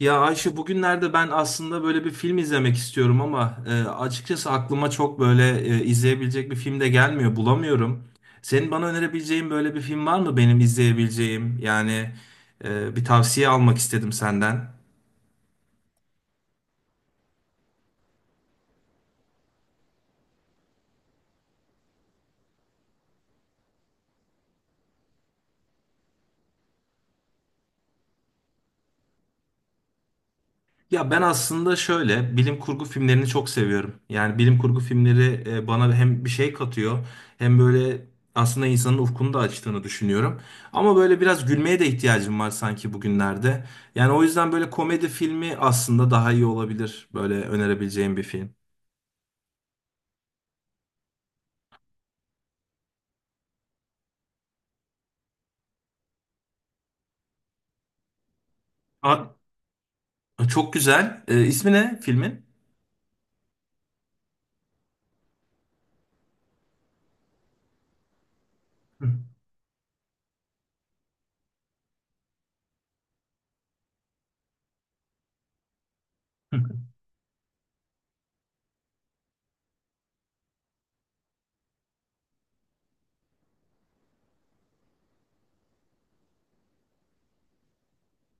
Ya Ayşe bugünlerde ben aslında böyle bir film izlemek istiyorum ama açıkçası aklıma çok böyle izleyebilecek bir film de gelmiyor, bulamıyorum. Senin bana önerebileceğin böyle bir film var mı benim izleyebileceğim? Bir tavsiye almak istedim senden. Ya ben aslında şöyle bilim kurgu filmlerini çok seviyorum. Yani bilim kurgu filmleri bana hem bir şey katıyor hem böyle aslında insanın ufkunu da açtığını düşünüyorum. Ama böyle biraz gülmeye de ihtiyacım var sanki bugünlerde. Yani o yüzden böyle komedi filmi aslında daha iyi olabilir. Böyle önerebileceğim bir film. Aa, çok güzel. E, ismi ne filmin? Hı.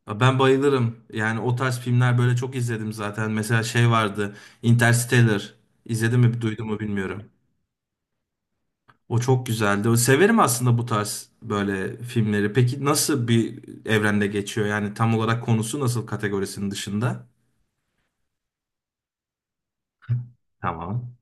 Ya ben bayılırım. Yani o tarz filmler böyle çok izledim zaten. Mesela şey vardı. Interstellar. İzledim mi, duydun mu bilmiyorum. O çok güzeldi. Severim aslında bu tarz böyle filmleri. Peki nasıl bir evrende geçiyor? Yani tam olarak konusu nasıl kategorisinin dışında? Tamam.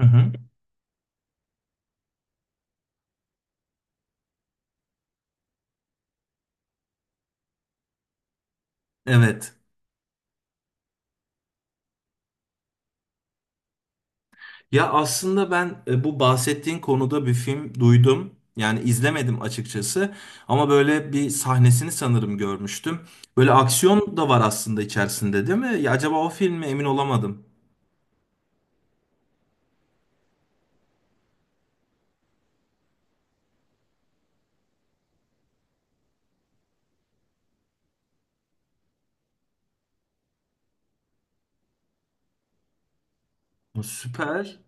Hı hı. Evet. Ya aslında ben bu bahsettiğin konuda bir film duydum. Yani izlemedim açıkçası. Ama böyle bir sahnesini sanırım görmüştüm. Böyle aksiyon da var aslında içerisinde, değil mi? Ya acaba o film mi? Emin olamadım. Süper.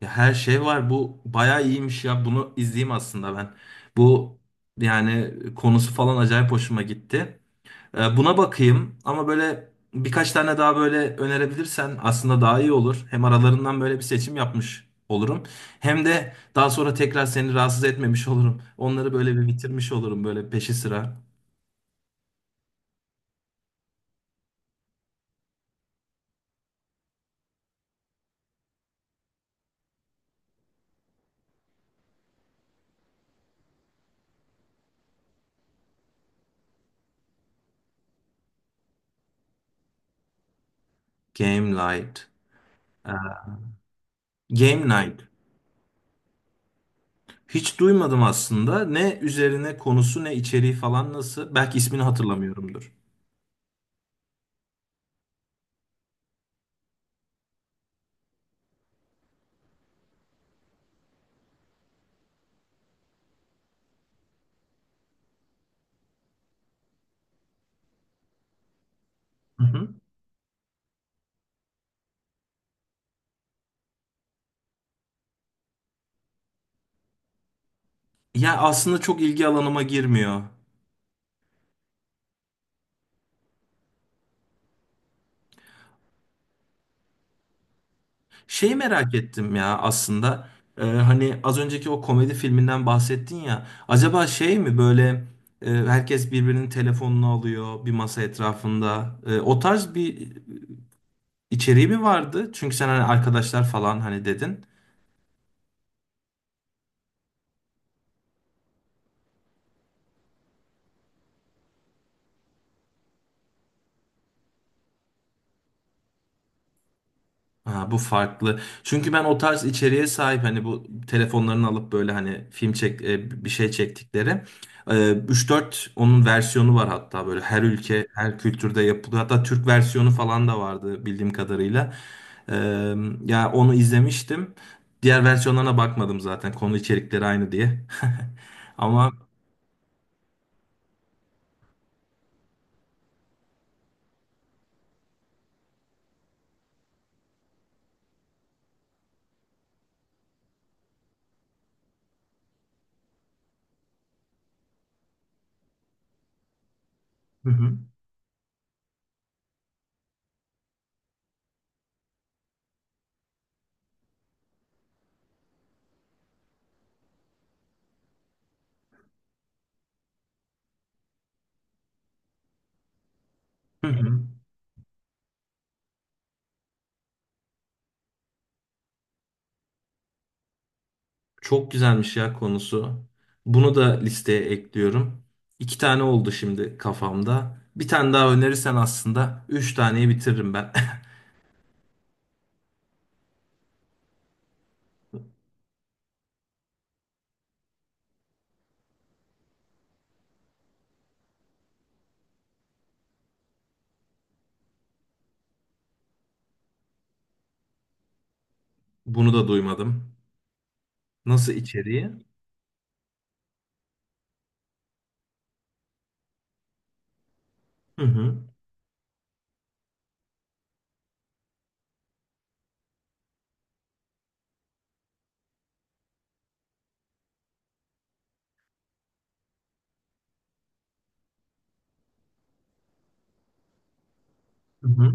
Ya her şey var. Bu bayağı iyiymiş ya. Bunu izleyeyim aslında ben. Bu yani konusu falan acayip hoşuma gitti. Buna bakayım ama böyle birkaç tane daha böyle önerebilirsen aslında daha iyi olur. Hem aralarından böyle bir seçim yapmış olurum. Hem de daha sonra tekrar seni rahatsız etmemiş olurum. Onları böyle bir bitirmiş olurum böyle peşi sıra. Game Night. Ee, Game Night. Hiç duymadım aslında. Ne üzerine konusu ne içeriği falan nasıl? Belki ismini hatırlamıyorumdur. Hı hı. Ya aslında çok ilgi alanıma girmiyor. Şey merak ettim ya aslında. Hani az önceki o komedi filminden bahsettin ya. Acaba şey mi böyle herkes birbirinin telefonunu alıyor bir masa etrafında. E, o tarz bir içeriği mi vardı? Çünkü sen hani arkadaşlar falan hani dedin. Ha, bu farklı. Çünkü ben o tarz içeriğe sahip hani bu telefonlarını alıp böyle hani film çek bir şey çektikleri 3-4 onun versiyonu var hatta böyle her ülke her kültürde yapılıyor. Hatta Türk versiyonu falan da vardı bildiğim kadarıyla. E, ya onu izlemiştim. Diğer versiyonlarına bakmadım zaten konu içerikleri aynı diye. Ama hı hı. Hı hı. Çok güzelmiş ya konusu. Bunu da listeye ekliyorum. İki tane oldu şimdi kafamda. Bir tane daha önerirsen aslında üç taneyi bitiririm ben. Bunu da duymadım. Nasıl içeriği? Hı hı. Hı hı.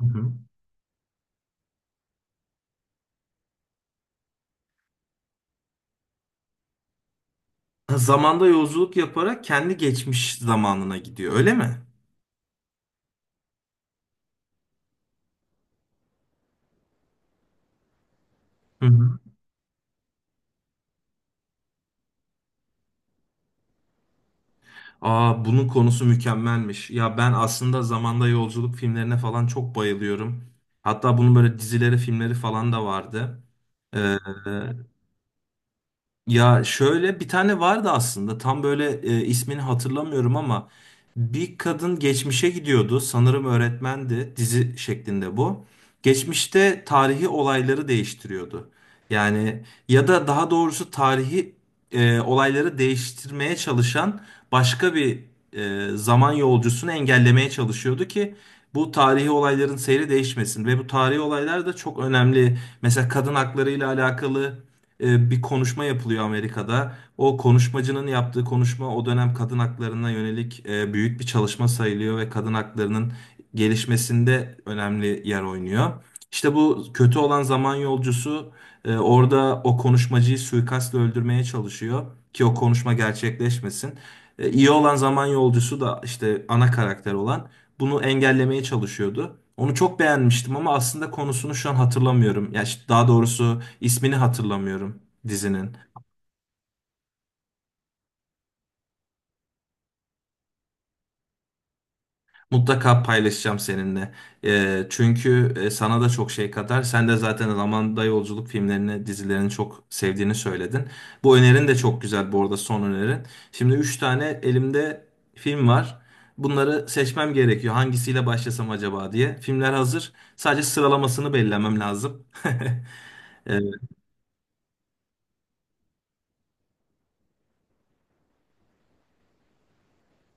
Hı hı. Ha, zamanda yolculuk yaparak kendi geçmiş zamanına gidiyor, öyle mi? Hı hı. Aa, bunun konusu mükemmelmiş. Ya ben aslında zamanda yolculuk filmlerine falan çok bayılıyorum. Hatta bunun böyle dizileri, filmleri falan da vardı. Ee, Ya şöyle bir tane vardı aslında tam böyle ismini hatırlamıyorum ama bir kadın geçmişe gidiyordu sanırım öğretmendi dizi şeklinde bu. Geçmişte tarihi olayları değiştiriyordu. Yani ya da daha doğrusu tarihi olayları değiştirmeye çalışan başka bir zaman yolcusunu engellemeye çalışıyordu ki bu tarihi olayların seyri değişmesin ve bu tarihi olaylar da çok önemli. Mesela kadın hakları ile alakalı bir konuşma yapılıyor Amerika'da. O konuşmacının yaptığı konuşma o dönem kadın haklarına yönelik büyük bir çalışma sayılıyor ve kadın haklarının gelişmesinde önemli yer oynuyor. İşte bu kötü olan zaman yolcusu orada o konuşmacıyı suikastla öldürmeye çalışıyor ki o konuşma gerçekleşmesin. İyi olan zaman yolcusu da işte ana karakter olan bunu engellemeye çalışıyordu. Onu çok beğenmiştim ama aslında konusunu şu an hatırlamıyorum. Ya işte daha doğrusu ismini hatırlamıyorum dizinin. Mutlaka paylaşacağım seninle. Çünkü sana da çok şey katar. Sen de zaten zamanda yolculuk filmlerini, dizilerini çok sevdiğini söyledin. Bu önerin de çok güzel bu arada son önerin. Şimdi 3 tane elimde film var. Bunları seçmem gerekiyor. Hangisiyle başlasam acaba diye. Filmler hazır. Sadece sıralamasını belirlemem lazım. Ee,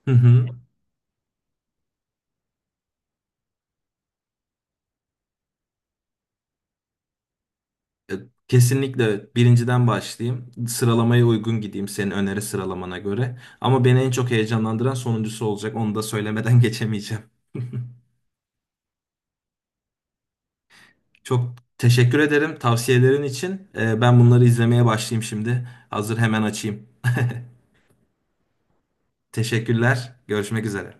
hı hı. E, Kesinlikle birinciden başlayayım. Sıralamaya uygun gideyim senin öneri sıralamana göre. Ama beni en çok heyecanlandıran sonuncusu olacak. Onu da söylemeden geçemeyeceğim. Çok teşekkür ederim tavsiyelerin için. E, ben bunları izlemeye başlayayım şimdi. Hazır hemen açayım. Teşekkürler. Görüşmek üzere.